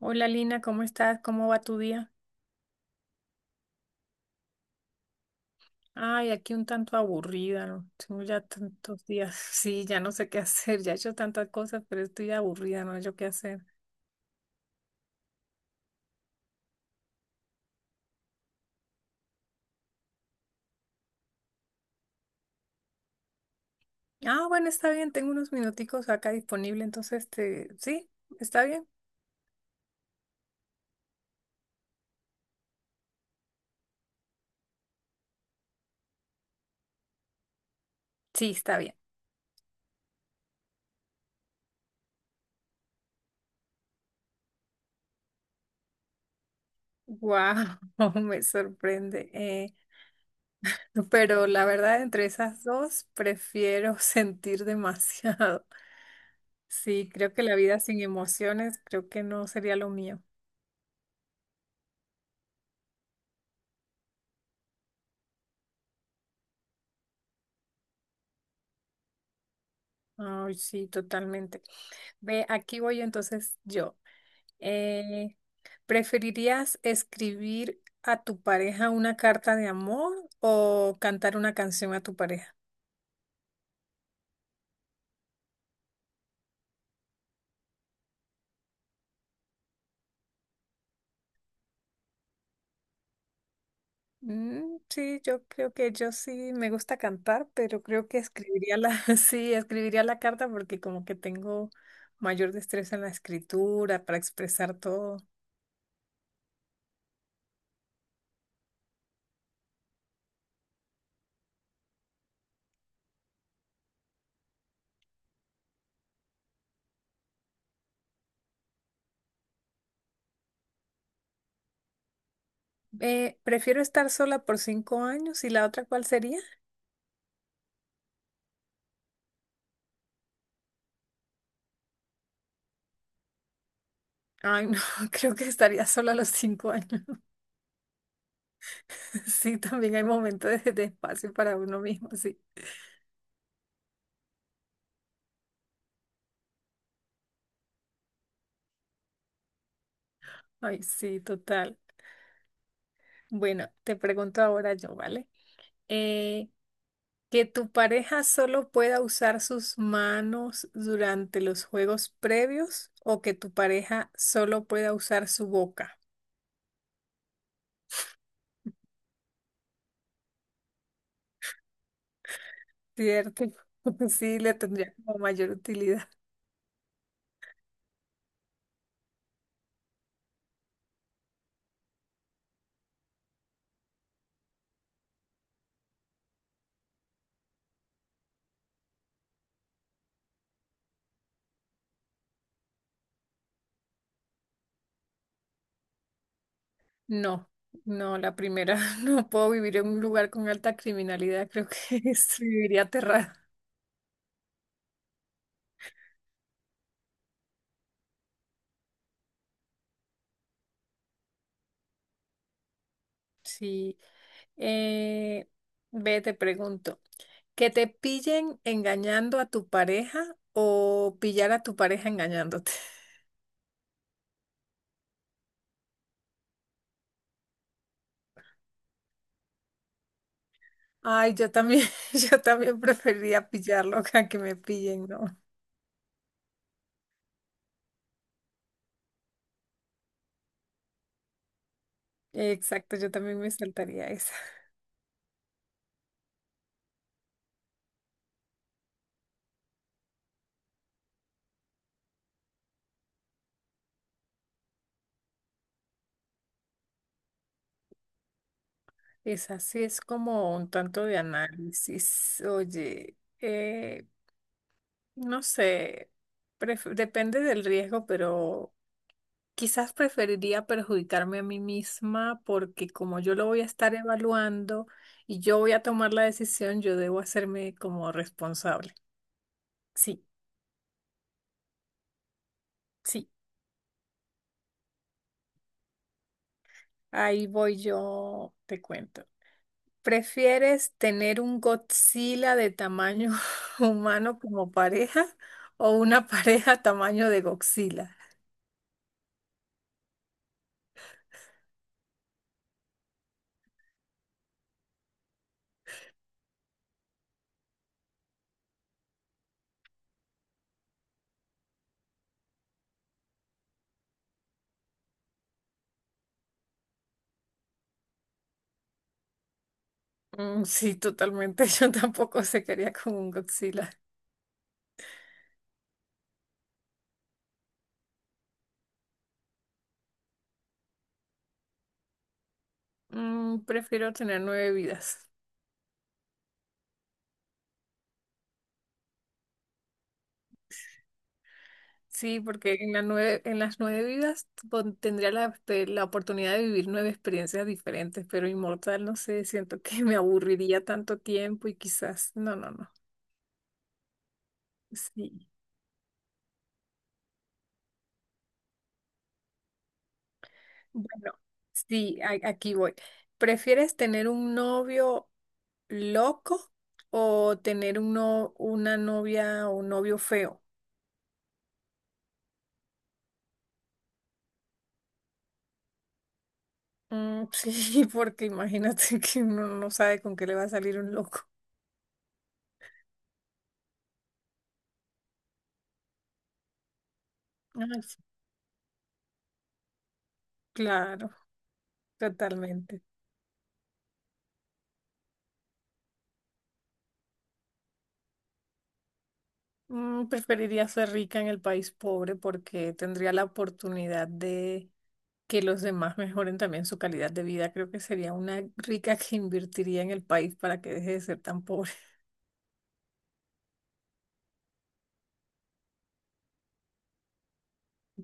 Hola Lina, ¿cómo estás? ¿Cómo va tu día? Ay, aquí un tanto aburrida, ¿no? Tengo ya tantos días. Sí, ya no sé qué hacer, ya he hecho tantas cosas, pero estoy aburrida, no sé qué hacer. Ah, bueno, está bien, tengo unos minuticos acá disponible, entonces te... ¿Sí? ¿Está bien? Sí, está bien. Wow, me sorprende. Pero la verdad, entre esas dos, prefiero sentir demasiado. Sí, creo que la vida sin emociones, creo que no sería lo mío. Ay, sí, totalmente. Ve, aquí voy entonces yo. Eh, ¿Preferirías escribir a tu pareja una carta de amor o cantar una canción a tu pareja? Mm, sí, yo creo que yo sí me gusta cantar, pero creo que escribiría la, sí, escribiría la carta porque como que tengo mayor destreza en la escritura para expresar todo. Prefiero estar sola por 5 años y la otra, ¿cuál sería? Ay, no, creo que estaría sola a los 5 años. Sí, también hay momentos de espacio para uno mismo, sí. Ay, sí, total. Bueno, te pregunto ahora yo, ¿vale? Eh, que tu pareja solo pueda usar sus manos durante los juegos previos o que tu pareja solo pueda usar su boca, ¿cierto? Sí, le tendría como mayor utilidad. No, no, la primera, no puedo vivir en un lugar con alta criminalidad, creo que viviría aterrada. Sí. Eh, Ve, te pregunto, ¿que te pillen engañando a tu pareja o pillar a tu pareja engañándote? Ay, yo también, yo también preferiría pillarlo a que me pillen, ¿no? Exacto, yo también me saltaría esa. Esa sí es como un tanto de análisis. Oye, no sé, depende del riesgo, pero quizás preferiría perjudicarme a mí misma porque como yo lo voy a estar evaluando y yo voy a tomar la decisión, yo debo hacerme como responsable. Sí, sí, ahí voy yo, te cuento. ¿Prefieres tener un Godzilla de tamaño humano como pareja o una pareja tamaño de Godzilla? Mm, sí, totalmente. Yo tampoco se quería con un Godzilla. Mm, prefiero tener nueve vidas. Sí, porque en la en las nueve vidas tendría la, este, la oportunidad de vivir nueve experiencias diferentes, pero inmortal, no sé, siento que me aburriría tanto tiempo y quizás, no, no, no. Sí, bueno, sí, aquí voy. ¿Prefieres tener un novio loco o tener un una novia o un novio feo? Mm, sí, porque imagínate que uno no sabe con qué le va a salir un loco. Ay, sí, claro, totalmente. Mm, preferiría ser rica en el país pobre porque tendría la oportunidad de que los demás mejoren también su calidad de vida. Creo que sería una rica que invertiría en el país para que deje de ser tan pobre.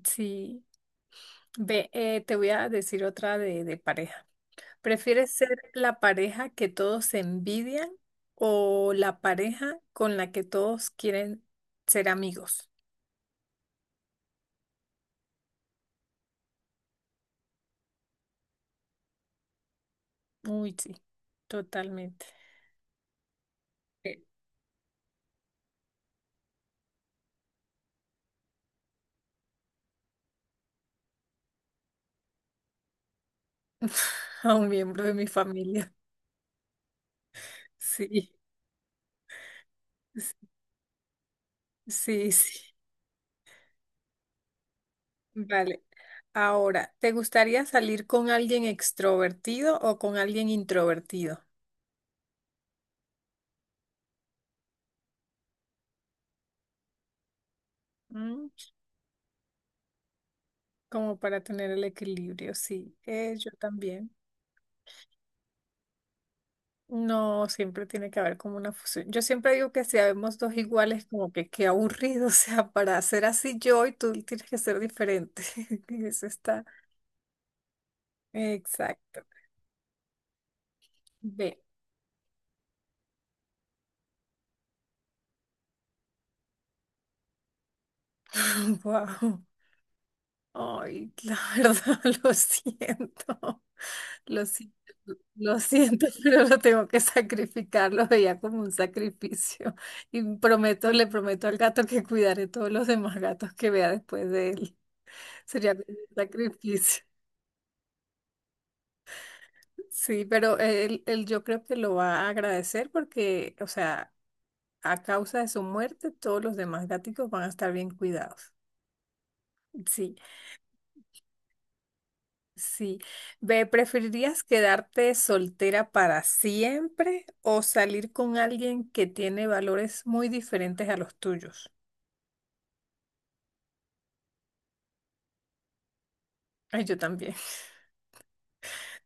Sí. Ve, te voy a decir otra de pareja. ¿Prefieres ser la pareja que todos envidian o la pareja con la que todos quieren ser amigos? Uy, sí, totalmente. Eh. A un miembro de mi familia. Sí. Sí, sí. Vale. Ahora, ¿te gustaría salir con alguien extrovertido o con alguien introvertido? Mm. Como para tener el equilibrio, sí. Yo también. No, siempre tiene que haber como una fusión. Yo siempre digo que si habemos dos iguales, como que qué aburrido, o sea, para ser así yo y tú tienes que ser diferente. Eso está. Exacto. Ve. Wow. Ay, la verdad, lo siento. Lo siento, lo siento, pero lo tengo que sacrificar. Lo veía como un sacrificio. Y prometo, le prometo al gato que cuidaré todos los demás gatos que vea después de él. Sería como un sacrificio. Sí, pero él yo creo que lo va a agradecer porque, o sea, a causa de su muerte, todos los demás gaticos van a estar bien cuidados. Sí. Sí. Ve, ¿preferirías quedarte soltera para siempre o salir con alguien que tiene valores muy diferentes a los tuyos? Ay, yo también.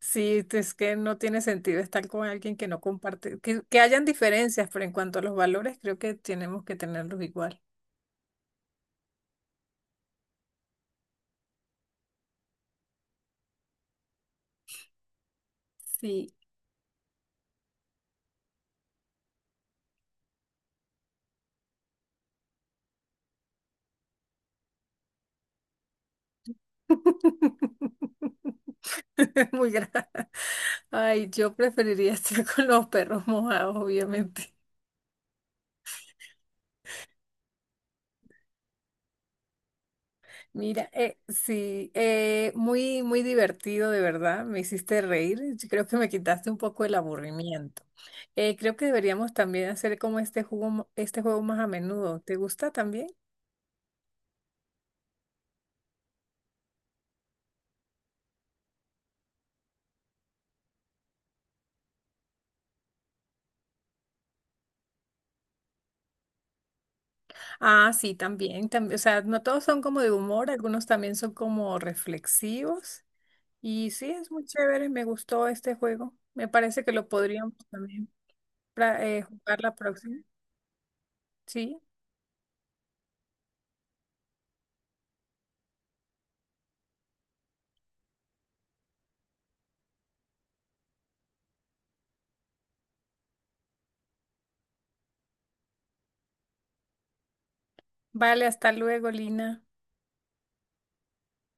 Sí, es que no tiene sentido estar con alguien que no comparte, que hayan diferencias, pero en cuanto a los valores, creo que tenemos que tenerlos igual. Sí. Muy grave. Ay, yo preferiría estar con los perros mojados, obviamente. Mira, sí, muy, muy divertido, de verdad. Me hiciste reír. Yo creo que me quitaste un poco el aburrimiento. Creo que deberíamos también hacer como este este juego más a menudo. ¿Te gusta también? Ah, sí, también, también. O sea, no todos son como de humor, algunos también son como reflexivos. Y sí, es muy chévere. Me gustó este juego. Me parece que lo podríamos también jugar la próxima. Sí. Vale, hasta luego, Lina.